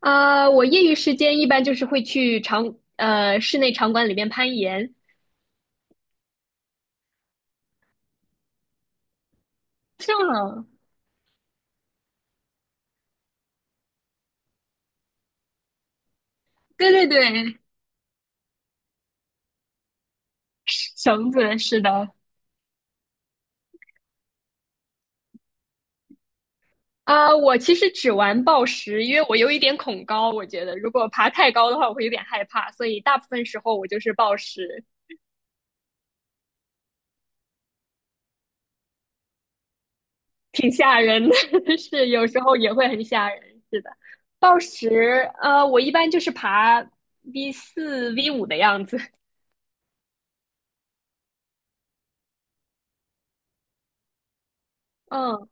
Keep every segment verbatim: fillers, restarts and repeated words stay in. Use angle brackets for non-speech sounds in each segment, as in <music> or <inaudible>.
啊，我业余时间一般就是会去场，呃，室内场馆里面攀岩。是吗？对对对，绳子是的。啊，我其实只玩抱石，因为我有一点恐高，我觉得如果爬太高的话，我会有点害怕，所以大部分时候我就是抱石，挺吓人的。<laughs> 是有时候也会很吓人，是的。抱石，呃，我一般就是爬 V 四、V 五的样子。嗯，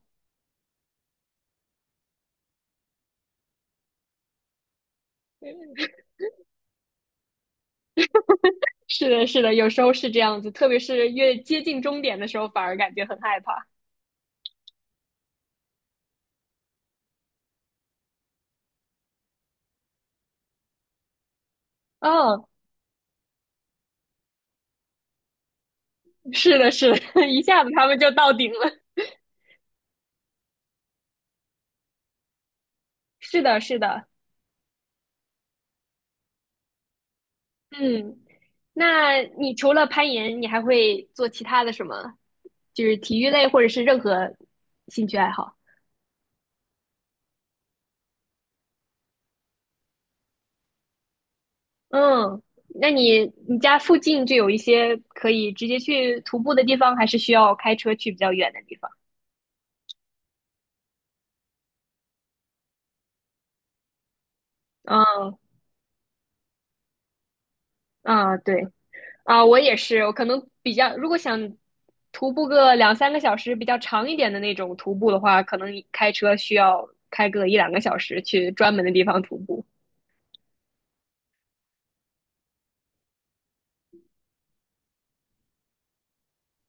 是的，是的，有时候是这样子，特别是越接近终点的时候，反而感觉很害怕。嗯，是的，是的，<laughs> 一下子他们就到顶了。是的，是的。嗯，那你除了攀岩，你还会做其他的什么？就是体育类或者是任何兴趣爱好？嗯，那你你家附近就有一些可以直接去徒步的地方，还是需要开车去比较远的地方？嗯嗯，对。啊，我也是，我可能比较，如果想徒步个两三个小时，比较长一点的那种徒步的话，可能开车需要开个一两个小时去专门的地方徒步。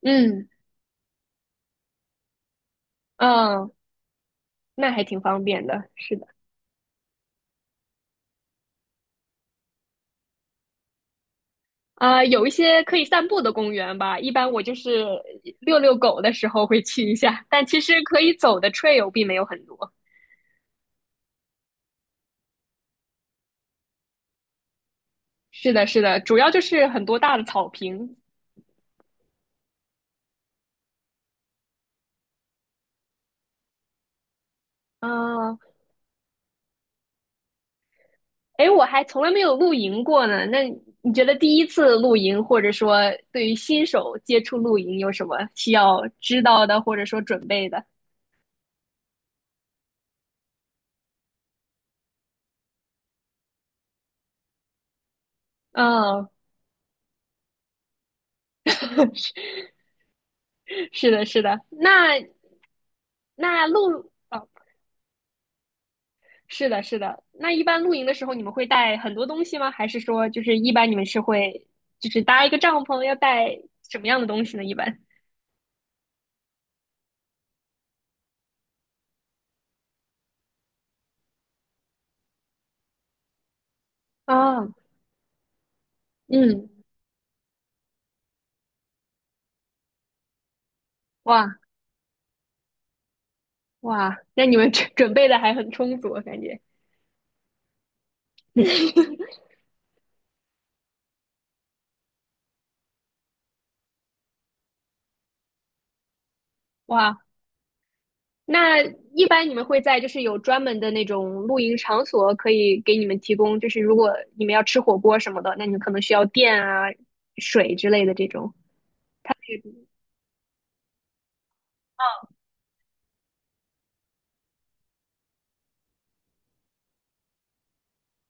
嗯嗯，那还挺方便的，是的。啊，有一些可以散步的公园吧，一般我就是遛遛狗的时候会去一下，但其实可以走的 trail 并没有很多。是的，是的，主要就是很多大的草坪。啊，哎，我还从来没有露营过呢。那你觉得第一次露营，或者说对于新手接触露营，有什么需要知道的，或者说准备的？嗯，是的，是的。那那露，哦，是的，是的。那一般露营的时候，你们会带很多东西吗？还是说，就是一般你们是会，就是搭一个帐篷，要带什么样的东西呢？一般？啊，嗯，哇哇，那你们准准备的还很充足，我感觉。哇，那一般你们会在就是有专门的那种露营场所可以给你们提供，就是如果你们要吃火锅什么的，那你们可能需要电啊、水之类的这种。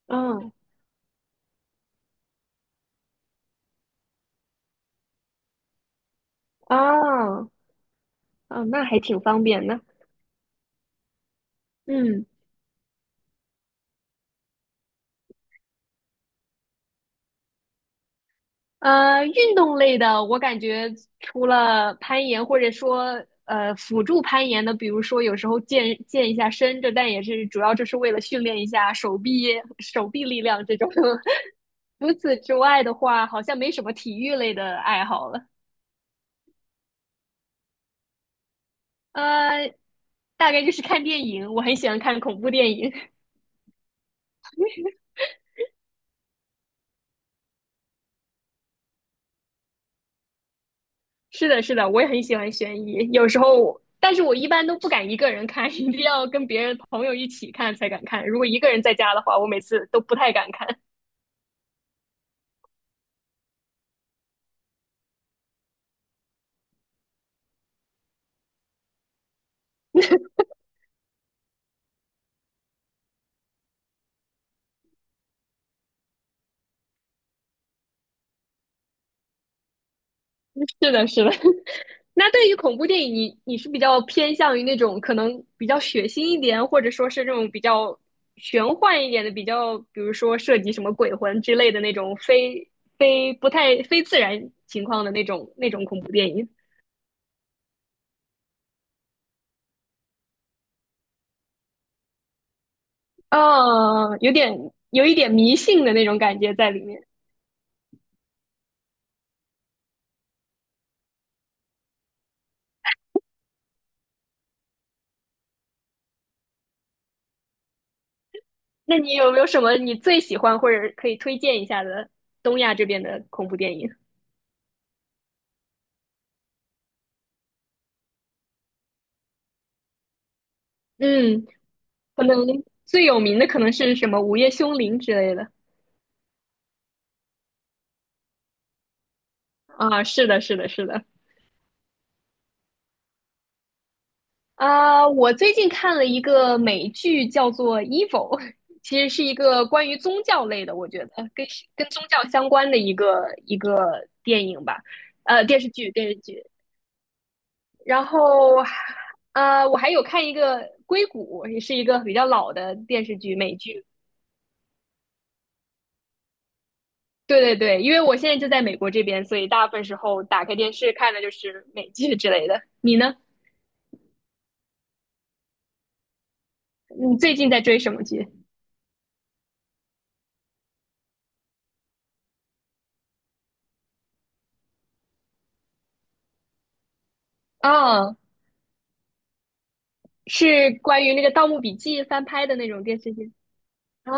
嗯，哦，哦，那还挺方便的。嗯。呃，运动类的，我感觉除了攀岩，或者说呃辅助攀岩的，比如说有时候健健一下身，这但也是主要就是为了训练一下手臂手臂力量这种。<laughs> 除此之外的话，好像没什么体育类的爱好了。呃，大概就是看电影，我很喜欢看恐怖电影。是的，是的，我也很喜欢悬疑，有时候，但是我一般都不敢一个人看，<laughs> 一定要跟别人朋友一起看才敢看。如果一个人在家的话，我每次都不太敢看。<laughs> 是的，是的。<laughs> 那对于恐怖电影，你你是比较偏向于那种可能比较血腥一点，或者说是这种比较玄幻一点的，比较比如说涉及什么鬼魂之类的那种非非不太非自然情况的那种那种恐怖电影，啊，有点有一点迷信的那种感觉在里面。那你有没有什么你最喜欢或者可以推荐一下的东亚这边的恐怖电影？嗯，可能最有名的可能是什么《午夜凶铃》之类的。啊。是的，是的，是的。啊，我最近看了一个美剧，叫做《Evil》,其实是一个关于宗教类的，我觉得呃跟跟宗教相关的一个一个电影吧，呃，电视剧，电视剧。然后，呃，我还有看一个《硅谷》，也是一个比较老的电视剧，美剧。对对对，因为我现在就在美国这边，所以大部分时候打开电视看的就是美剧之类的。你呢？你最近在追什么剧？啊？是关于那个《盗墓笔记》翻拍的那种电视剧。啊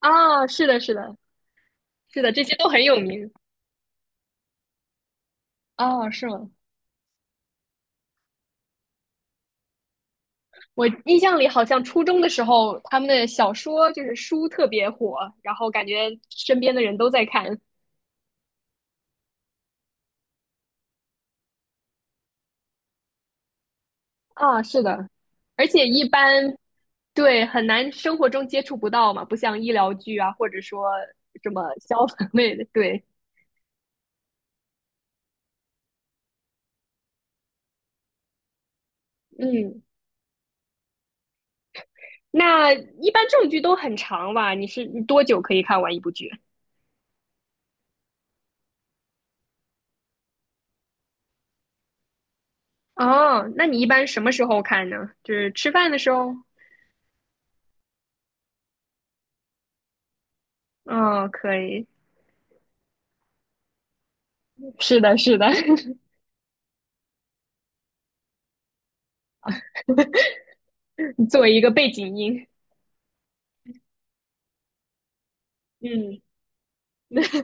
啊，是的，是的，是的，这些都很有名。哦，是吗？我印象里好像初中的时候，他们的小说就是书特别火，然后感觉身边的人都在看。啊，是的，而且一般，对，很难生活中接触不到嘛，不像医疗剧啊，或者说什么消 <laughs> 防类的。对，嗯，那一般这种剧都很长吧？你是你多久可以看完一部剧？哦，那你一般什么时候看呢？就是吃饭的时候？嗯，可以。是的，是的，<laughs> 作为一个背景音。嗯，<laughs>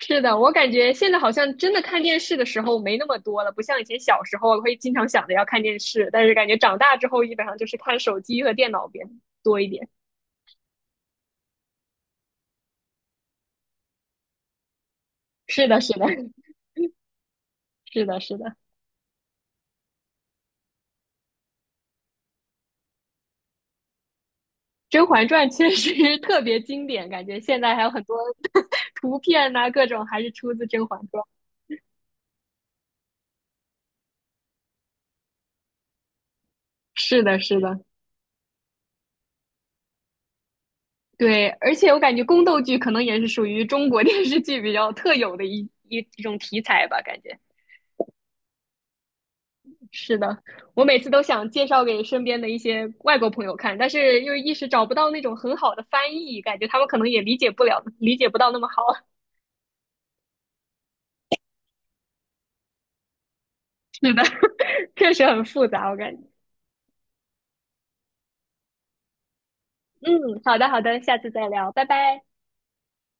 是的，我感觉现在好像真的看电视的时候没那么多了，不像以前小时候会经常想着要看电视，但是感觉长大之后基本上就是看手机和电脑边多一点。是的，是的，<laughs> 是的，是的，《甄嬛传》确实 <laughs> 特别经典，感觉现在还有很多 <laughs> 图片呐、各种还是出自《甄嬛传》。是的，是的，对，而且我感觉宫斗剧可能也是属于中国 <laughs> 电视剧比较特有的一一一种题材吧，感觉。是的，我每次都想介绍给身边的一些外国朋友看，但是又一时找不到那种很好的翻译，感觉他们可能也理解不了，理解不到那么好。<laughs> 是的，<laughs> 确实很复杂，我感觉。嗯，好的好的，下次再聊，拜拜。